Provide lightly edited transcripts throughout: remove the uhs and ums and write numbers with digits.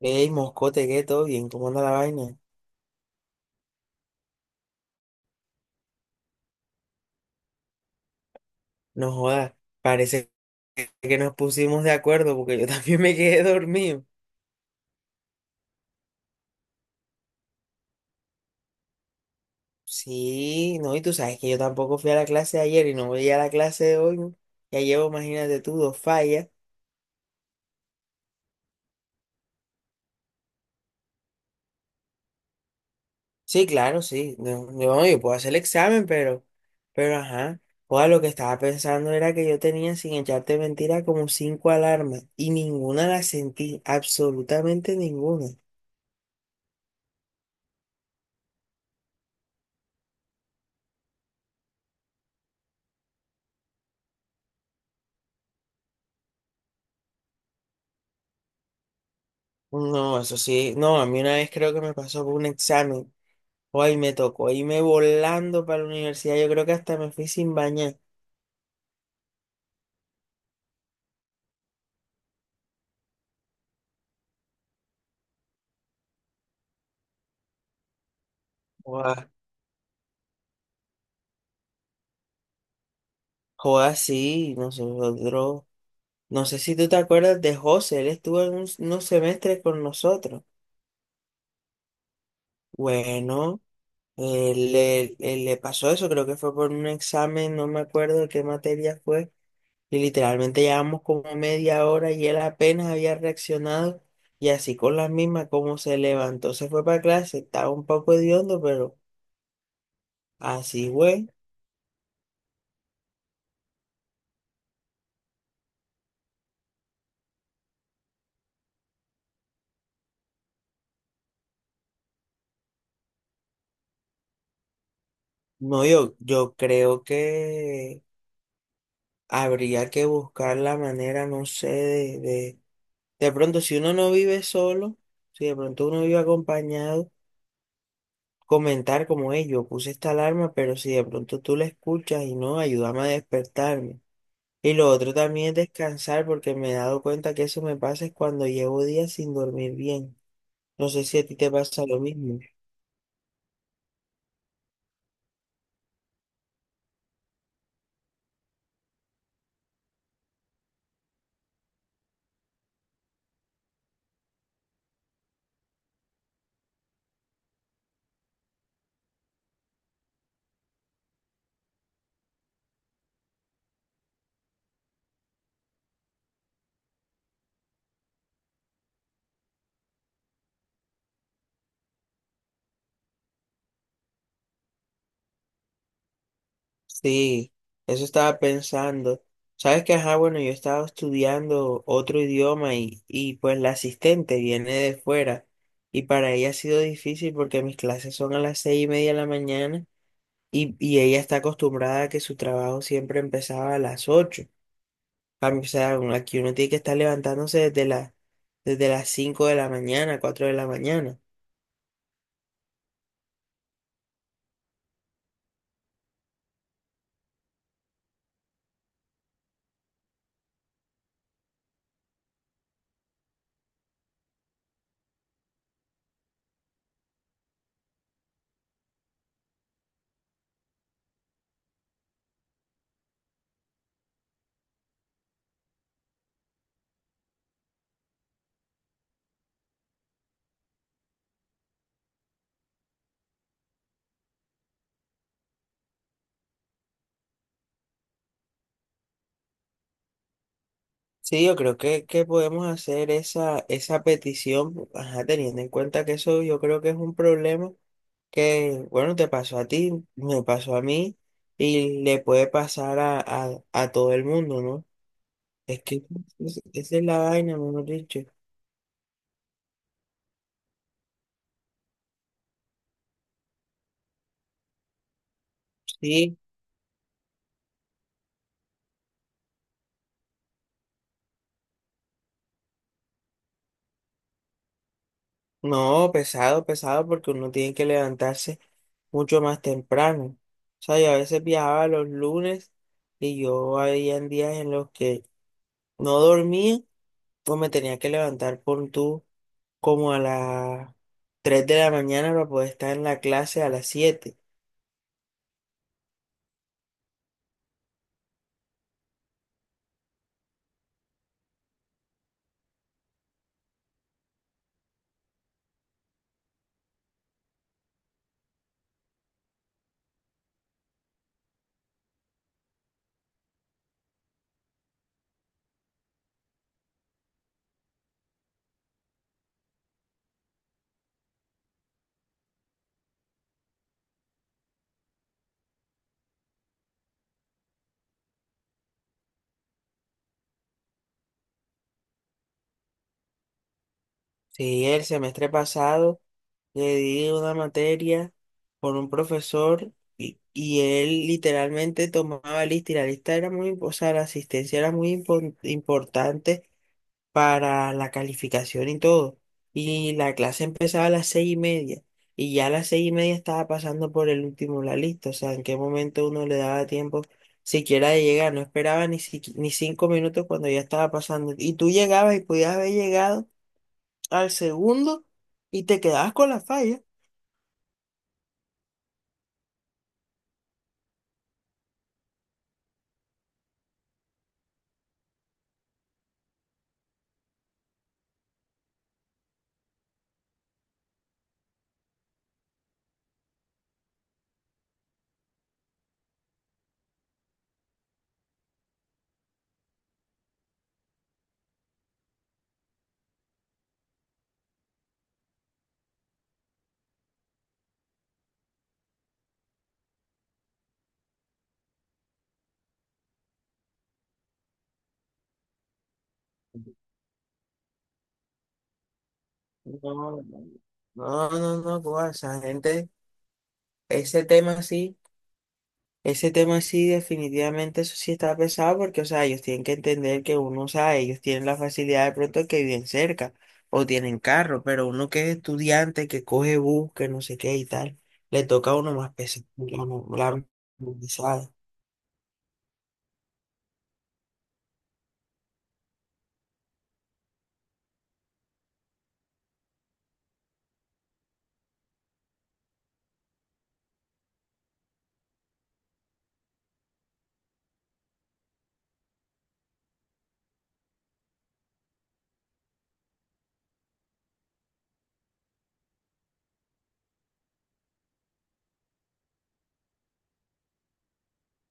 Ey, moscote, ¿qué? ¿Todo bien? ¿Cómo anda la vaina? No jodas, parece que nos pusimos de acuerdo porque yo también me quedé dormido. Sí, no, y tú sabes que yo tampoco fui a la clase de ayer y no voy a la clase de hoy, ¿no? Ya llevo, imagínate tú, dos fallas. Sí, claro, sí. No, no, yo puedo hacer el examen, pero ajá. Joda, lo que estaba pensando era que yo tenía, sin echarte mentira, como cinco alarmas y ninguna la sentí, absolutamente ninguna. No, eso sí. No, a mí una vez creo que me pasó por un examen. Hoy me tocó irme volando para la universidad. Yo creo que hasta me fui sin bañar. Joda, joda, sí, nosotros. No sé si tú te acuerdas de José. Él estuvo en unos semestres con nosotros. Bueno, él le pasó eso. Creo que fue por un examen. No me acuerdo qué materia fue. Y literalmente llevamos como media hora y él apenas había reaccionado y así con las mismas como se levantó, se fue para clase, estaba un poco hediondo, pero así fue. No, yo creo que habría que buscar la manera, no sé, de pronto si uno no vive solo, si de pronto uno vive acompañado, comentar como ellos, yo puse esta alarma, pero si de pronto tú la escuchas y no, ayúdame a despertarme. Y lo otro también es descansar porque me he dado cuenta que eso me pasa es cuando llevo días sin dormir bien. No sé si a ti te pasa lo mismo. Sí, eso estaba pensando. Sabes que, ajá, bueno, yo estaba estudiando otro idioma y pues la asistente viene de fuera y para ella ha sido difícil porque mis clases son a las 6:30 de la mañana y ella está acostumbrada a que su trabajo siempre empezaba a las 8:00. Cambio, o sea, aquí uno tiene que estar levantándose desde desde las 5:00 de la mañana, 4:00 de la mañana. Sí, yo creo que podemos hacer esa petición, ajá, teniendo en cuenta que eso yo creo que es un problema que, bueno, te pasó a ti, me pasó a mí y le puede pasar a todo el mundo, ¿no? Es que esa es la vaina, mejor dicho. Sí, no, pesado, pesado, porque uno tiene que levantarse mucho más temprano. O sea, yo a veces viajaba los lunes y yo había días en los que no dormía o me tenía que levantar por tú como a las 3:00 de la mañana para poder estar en la clase a las 7:00. Sí, el semestre pasado le di una materia con un profesor y él literalmente tomaba lista y la lista era muy, o sea, la asistencia era muy importante para la calificación y todo. Y la clase empezaba a las 6:30. Y ya a las 6:30 estaba pasando por el último de la lista. O sea, en qué momento uno le daba tiempo siquiera de llegar. No esperaba ni, ni 5 minutos cuando ya estaba pasando. Y tú llegabas y podías haber llegado al segundo y te quedabas con la falla. No, no, no, no, no, no, no, esa gente, ese tema sí. Ese tema sí, definitivamente, eso sí está pesado porque, o sea, ellos tienen que entender que uno, o sea, ellos tienen la facilidad de pronto que viven cerca o tienen carro, pero uno que es estudiante, que coge bus, que no sé qué y tal, le toca a uno más pesado, la movilizada.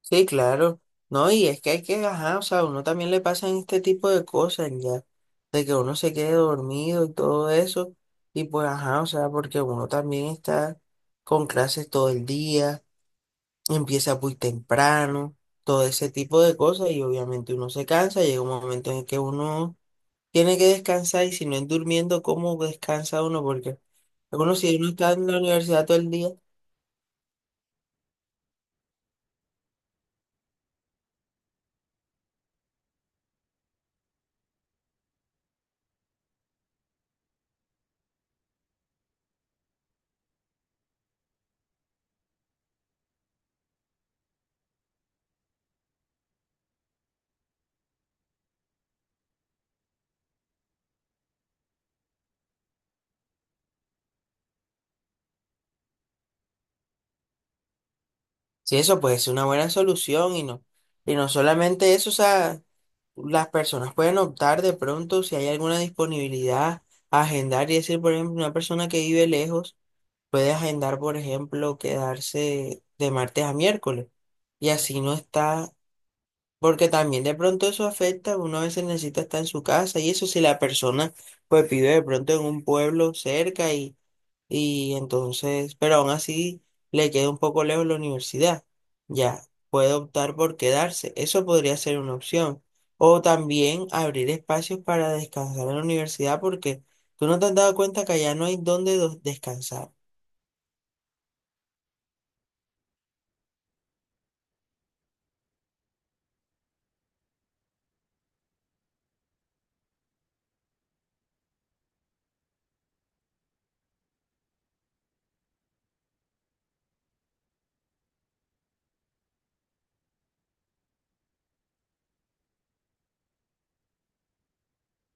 Sí, claro, no, y es que hay que, ajá, o sea, a uno también le pasan este tipo de cosas ya, de que uno se quede dormido y todo eso, y pues, ajá, o sea, porque uno también está con clases todo el día, empieza muy temprano, todo ese tipo de cosas y obviamente uno se cansa, llega un momento en el que uno tiene que descansar y si no es durmiendo, ¿cómo descansa uno? Porque algunos, si uno está en la universidad todo el día, si eso puede ser una buena solución. Y no, solamente eso, o sea, las personas pueden optar de pronto si hay alguna disponibilidad a agendar y decir, por ejemplo, una persona que vive lejos puede agendar, por ejemplo, quedarse de martes a miércoles y así no está. Porque también de pronto eso afecta, uno a veces necesita estar en su casa y eso si la persona pues vive de pronto en un pueblo cerca y entonces, pero aún así le queda un poco lejos la universidad, ya puede optar por quedarse, eso podría ser una opción. O también abrir espacios para descansar en la universidad porque tú no te has dado cuenta que allá no hay dónde descansar.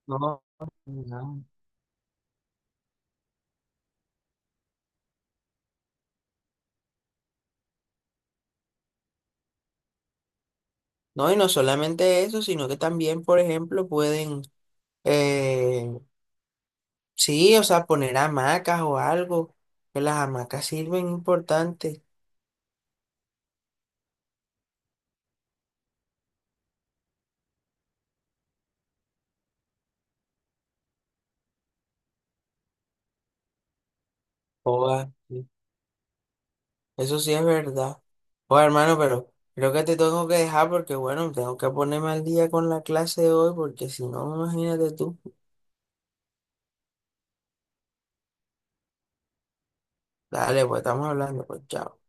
No, no. No, y no solamente eso, sino que también, por ejemplo, eh, sí, o sea, poner hamacas o algo, que las hamacas sirven importante. Joda, sí, eso sí es verdad. Joder, hermano, pero creo que te tengo que dejar porque, bueno, tengo que ponerme al día con la clase de hoy porque si no, imagínate tú. Dale, pues estamos hablando, pues chao.